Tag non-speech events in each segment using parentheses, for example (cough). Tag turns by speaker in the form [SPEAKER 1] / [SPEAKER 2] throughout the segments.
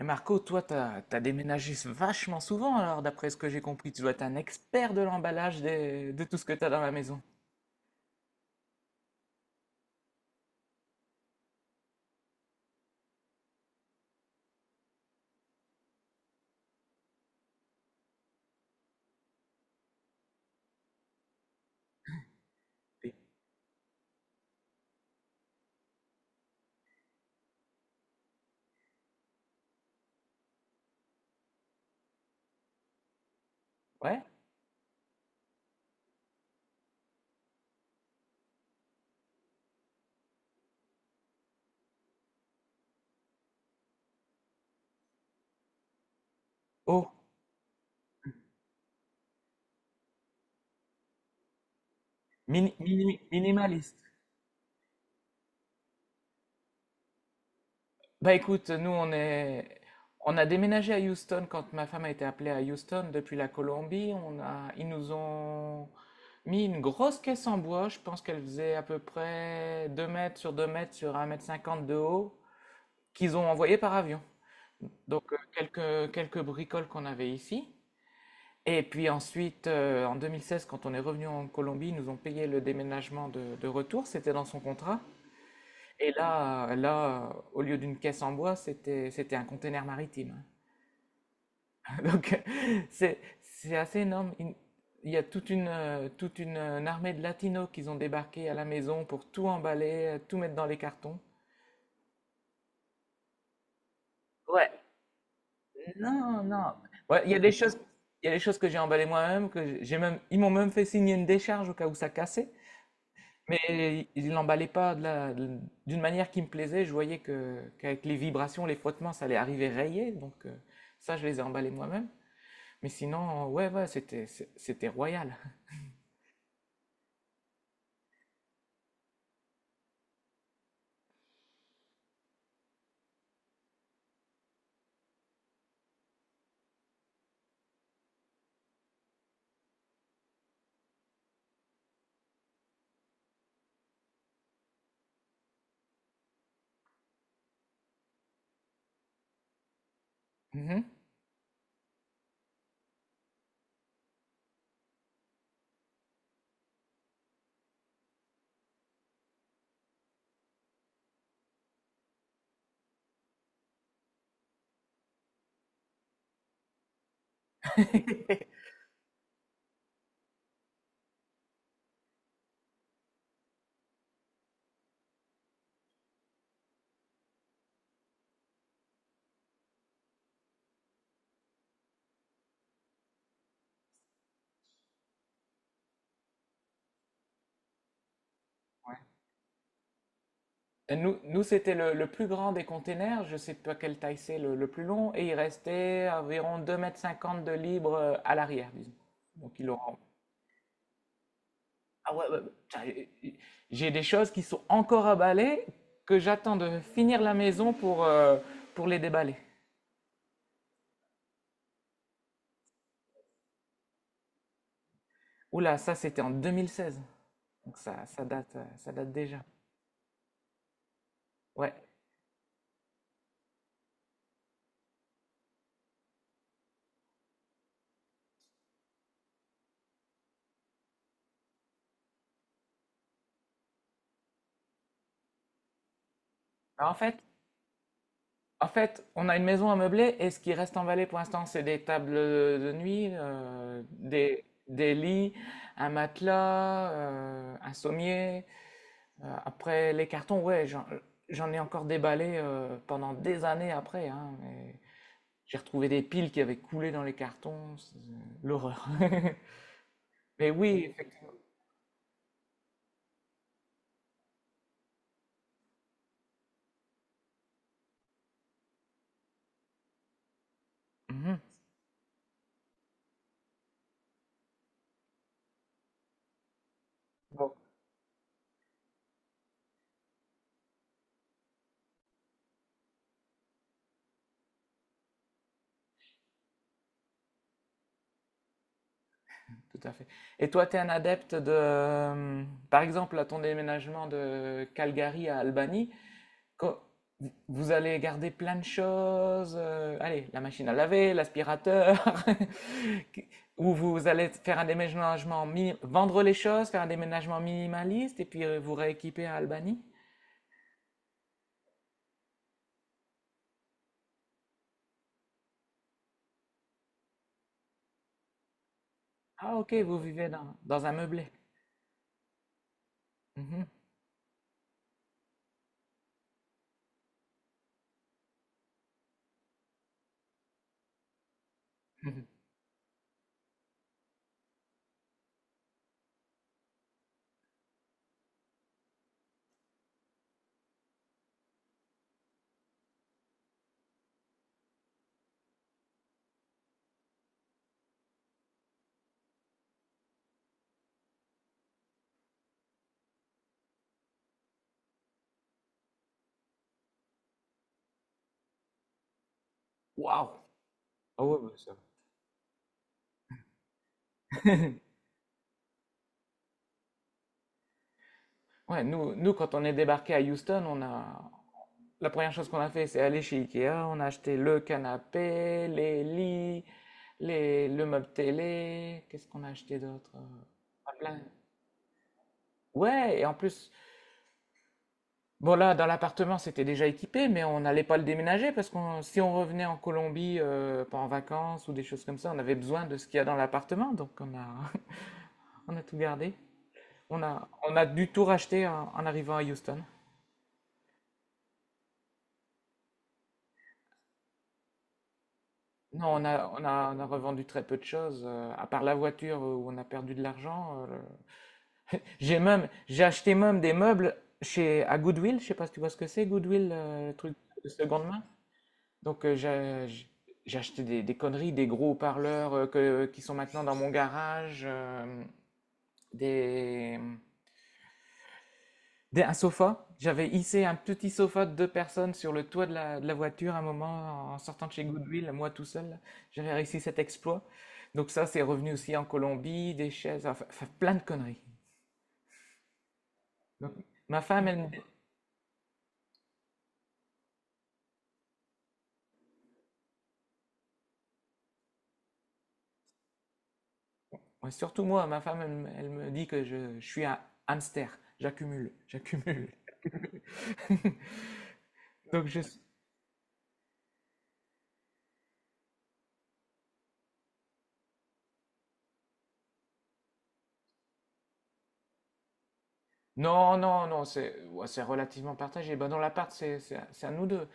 [SPEAKER 1] Et Marco, toi, t'as déménagé vachement souvent, alors d'après ce que j'ai compris, tu dois être un expert de l'emballage de tout ce que t'as dans la maison. Oui. Ouais? Oh, minimaliste. Bah écoute, on a déménagé à Houston quand ma femme a été appelée à Houston depuis la Colombie. On a, ils nous ont mis une grosse caisse en bois. Je pense qu'elle faisait à peu près 2 mètres sur un mètre cinquante de haut, qu'ils ont envoyé par avion. Donc quelques bricoles qu'on avait ici. Et puis ensuite, en 2016, quand on est revenu en Colombie, ils nous ont payé le déménagement de retour, c'était dans son contrat. Et là, au lieu d'une caisse en bois, c'était un conteneur maritime. (laughs) Donc, c'est assez énorme. Il y a toute une armée de latinos qui ont débarqué à la maison pour tout emballer, tout mettre dans les cartons. Ouais, non, non. Ouais, il y a des choses que j'ai emballées moi-même, que j'ai même, ils m'ont même fait signer une décharge au cas où ça cassait. Mais il l'emballait pas d'une manière qui me plaisait. Je voyais que qu'avec les vibrations, les frottements, ça allait arriver rayé. Donc ça, je les ai emballés moi-même. Mais sinon, ouais, ouais, c'était royal. Mhm. (laughs) Et nous c'était le plus grand des containers. Je sais pas quelle taille c'est le plus long. Et il restait environ deux mètres cinquante de libre à l'arrière, disons. Donc ils l'ont Ah ouais, ouais, ouais. Putain, j'ai des choses qui sont encore à balayer que j'attends de finir la maison pour les déballer. Oula, ça c'était en 2016. Donc ça, ça date déjà. Ouais. Alors, en fait, on a une maison à meubler et ce qui reste en Valais pour l'instant, c'est des tables de nuit, des lits, un matelas, un sommier. Après, les cartons, ouais, j'en ai encore déballé pendant des années après, hein, mais j'ai retrouvé des piles qui avaient coulé dans les cartons. L'horreur. (laughs) Mais oui, effectivement. Mhm. Bon, tout à fait. Et toi, tu es un adepte de, par exemple, à ton déménagement de Calgary à Albany, co- vous- allez garder plein de choses. Euh, allez, la machine à laver, l'aspirateur, (laughs) ou vous allez faire un déménagement, vendre les choses, faire un déménagement minimaliste et puis vous rééquiper à Albany. Ah, ok, vous vivez dans, dans un meublé. Mhm. (laughs) Waouh! Ah ouais, bah, ça. (laughs) Ouais, nous, nous, quand on est débarqué à Houston, on a... la première chose qu'on a fait, c'est aller chez Ikea. On a acheté le canapé, les lits, les... le meuble télé. Qu'est-ce qu'on a acheté d'autre? Pas plein. Ouais, et en plus, bon là, dans l'appartement, c'était déjà équipé, mais on n'allait pas le déménager parce que si on revenait en Colombie, pas en vacances ou des choses comme ça, on avait besoin de ce qu'il y a dans l'appartement. Donc on a, (laughs) on a tout gardé. On a dû tout racheter en en arrivant à Houston. Non, on a revendu très peu de choses, à part la voiture où on a perdu de l'argent. J'ai même, j'ai acheté même des meubles chez, à Goodwill, je sais pas si tu vois ce que c'est, Goodwill, le truc de seconde main. Donc j'ai acheté des conneries, des gros haut-parleurs qui sont maintenant dans mon garage, des, un sofa. J'avais hissé un petit sofa de deux personnes sur le toit de de la voiture un moment en sortant de chez Goodwill, moi tout seul. Là. J'avais réussi cet exploit. Donc ça, c'est revenu aussi en Colombie, des chaises, enfin, plein de conneries. Donc, ma femme, elle me, ouais, surtout moi, ma femme, elle me dit que je suis un hamster. J'accumule, j'accumule. (laughs) Donc je... suis- Non, non, non, c'est ouais, c'est relativement partagé. Ben, dans l'appart, c'est à nous deux.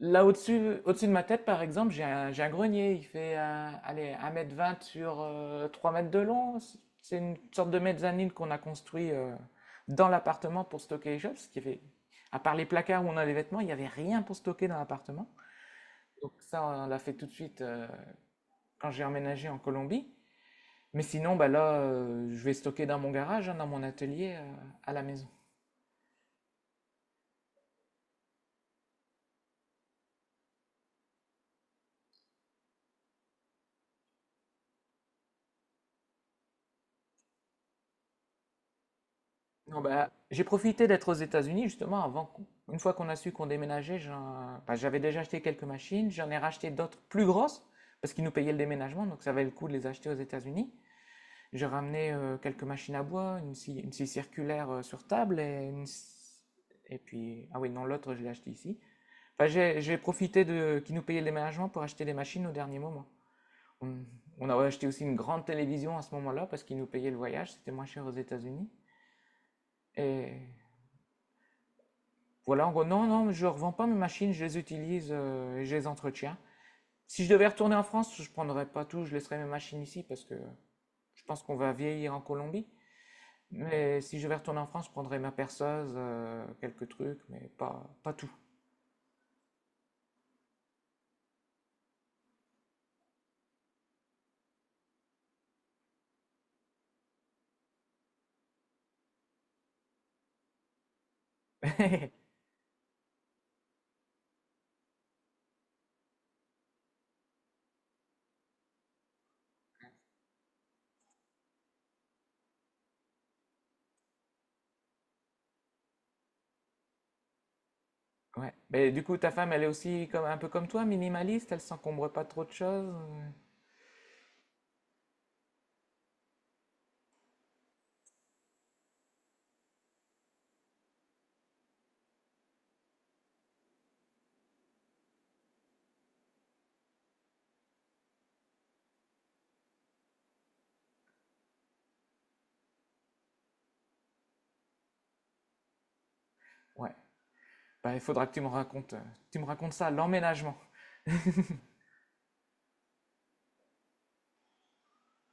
[SPEAKER 1] Là au-dessus, au-dessus de ma tête, par exemple, j'ai un grenier. Il fait allez, un mètre vingt sur 3 m de long. C'est une sorte de mezzanine qu'on a construit dans l'appartement pour stocker les choses. Ce qui fait, à part les placards où on a les vêtements, il n'y avait rien pour stocker dans l'appartement. Donc ça, on l'a fait tout de suite quand j'ai emménagé en Colombie. Mais sinon, bah là, je vais stocker dans mon garage, hein, dans mon atelier à la maison. Non, bah, j'ai profité d'être aux États-Unis justement avant, une fois qu'on a su qu'on déménageait, j'avais déjà acheté quelques machines, j'en ai racheté d'autres plus grosses parce qu'ils nous payaient le déménagement, donc ça valait le coup de les acheter aux États-Unis. J'ai ramené quelques machines à bois, une scie circulaire sur table et puis, ah oui, non, l'autre je l'ai acheté ici. Enfin, j'ai profité de qu'ils nous payaient le déménagement pour acheter des machines au dernier moment. On, on a acheté aussi une grande télévision à ce moment-là parce qu'ils nous payaient le voyage, c'était moins cher aux États-Unis. Et Voilà, en gros, non, non, je ne revends pas mes machines, je les utilise et je les entretiens. Si je devais retourner en France, je ne prendrais pas tout, je laisserais mes machines ici parce que je pense qu'on va vieillir en Colombie. Mais si je vais retourner en France, je prendrais ma perceuse, quelques trucs, mais pas, pas tout. (laughs) Ouais. Mais du coup, ta femme, elle est aussi comme, un peu comme toi, minimaliste, elle s'encombre pas de trop de choses. Euh, ouais. Bah, il faudra que tu me racontes ça, l'emménagement.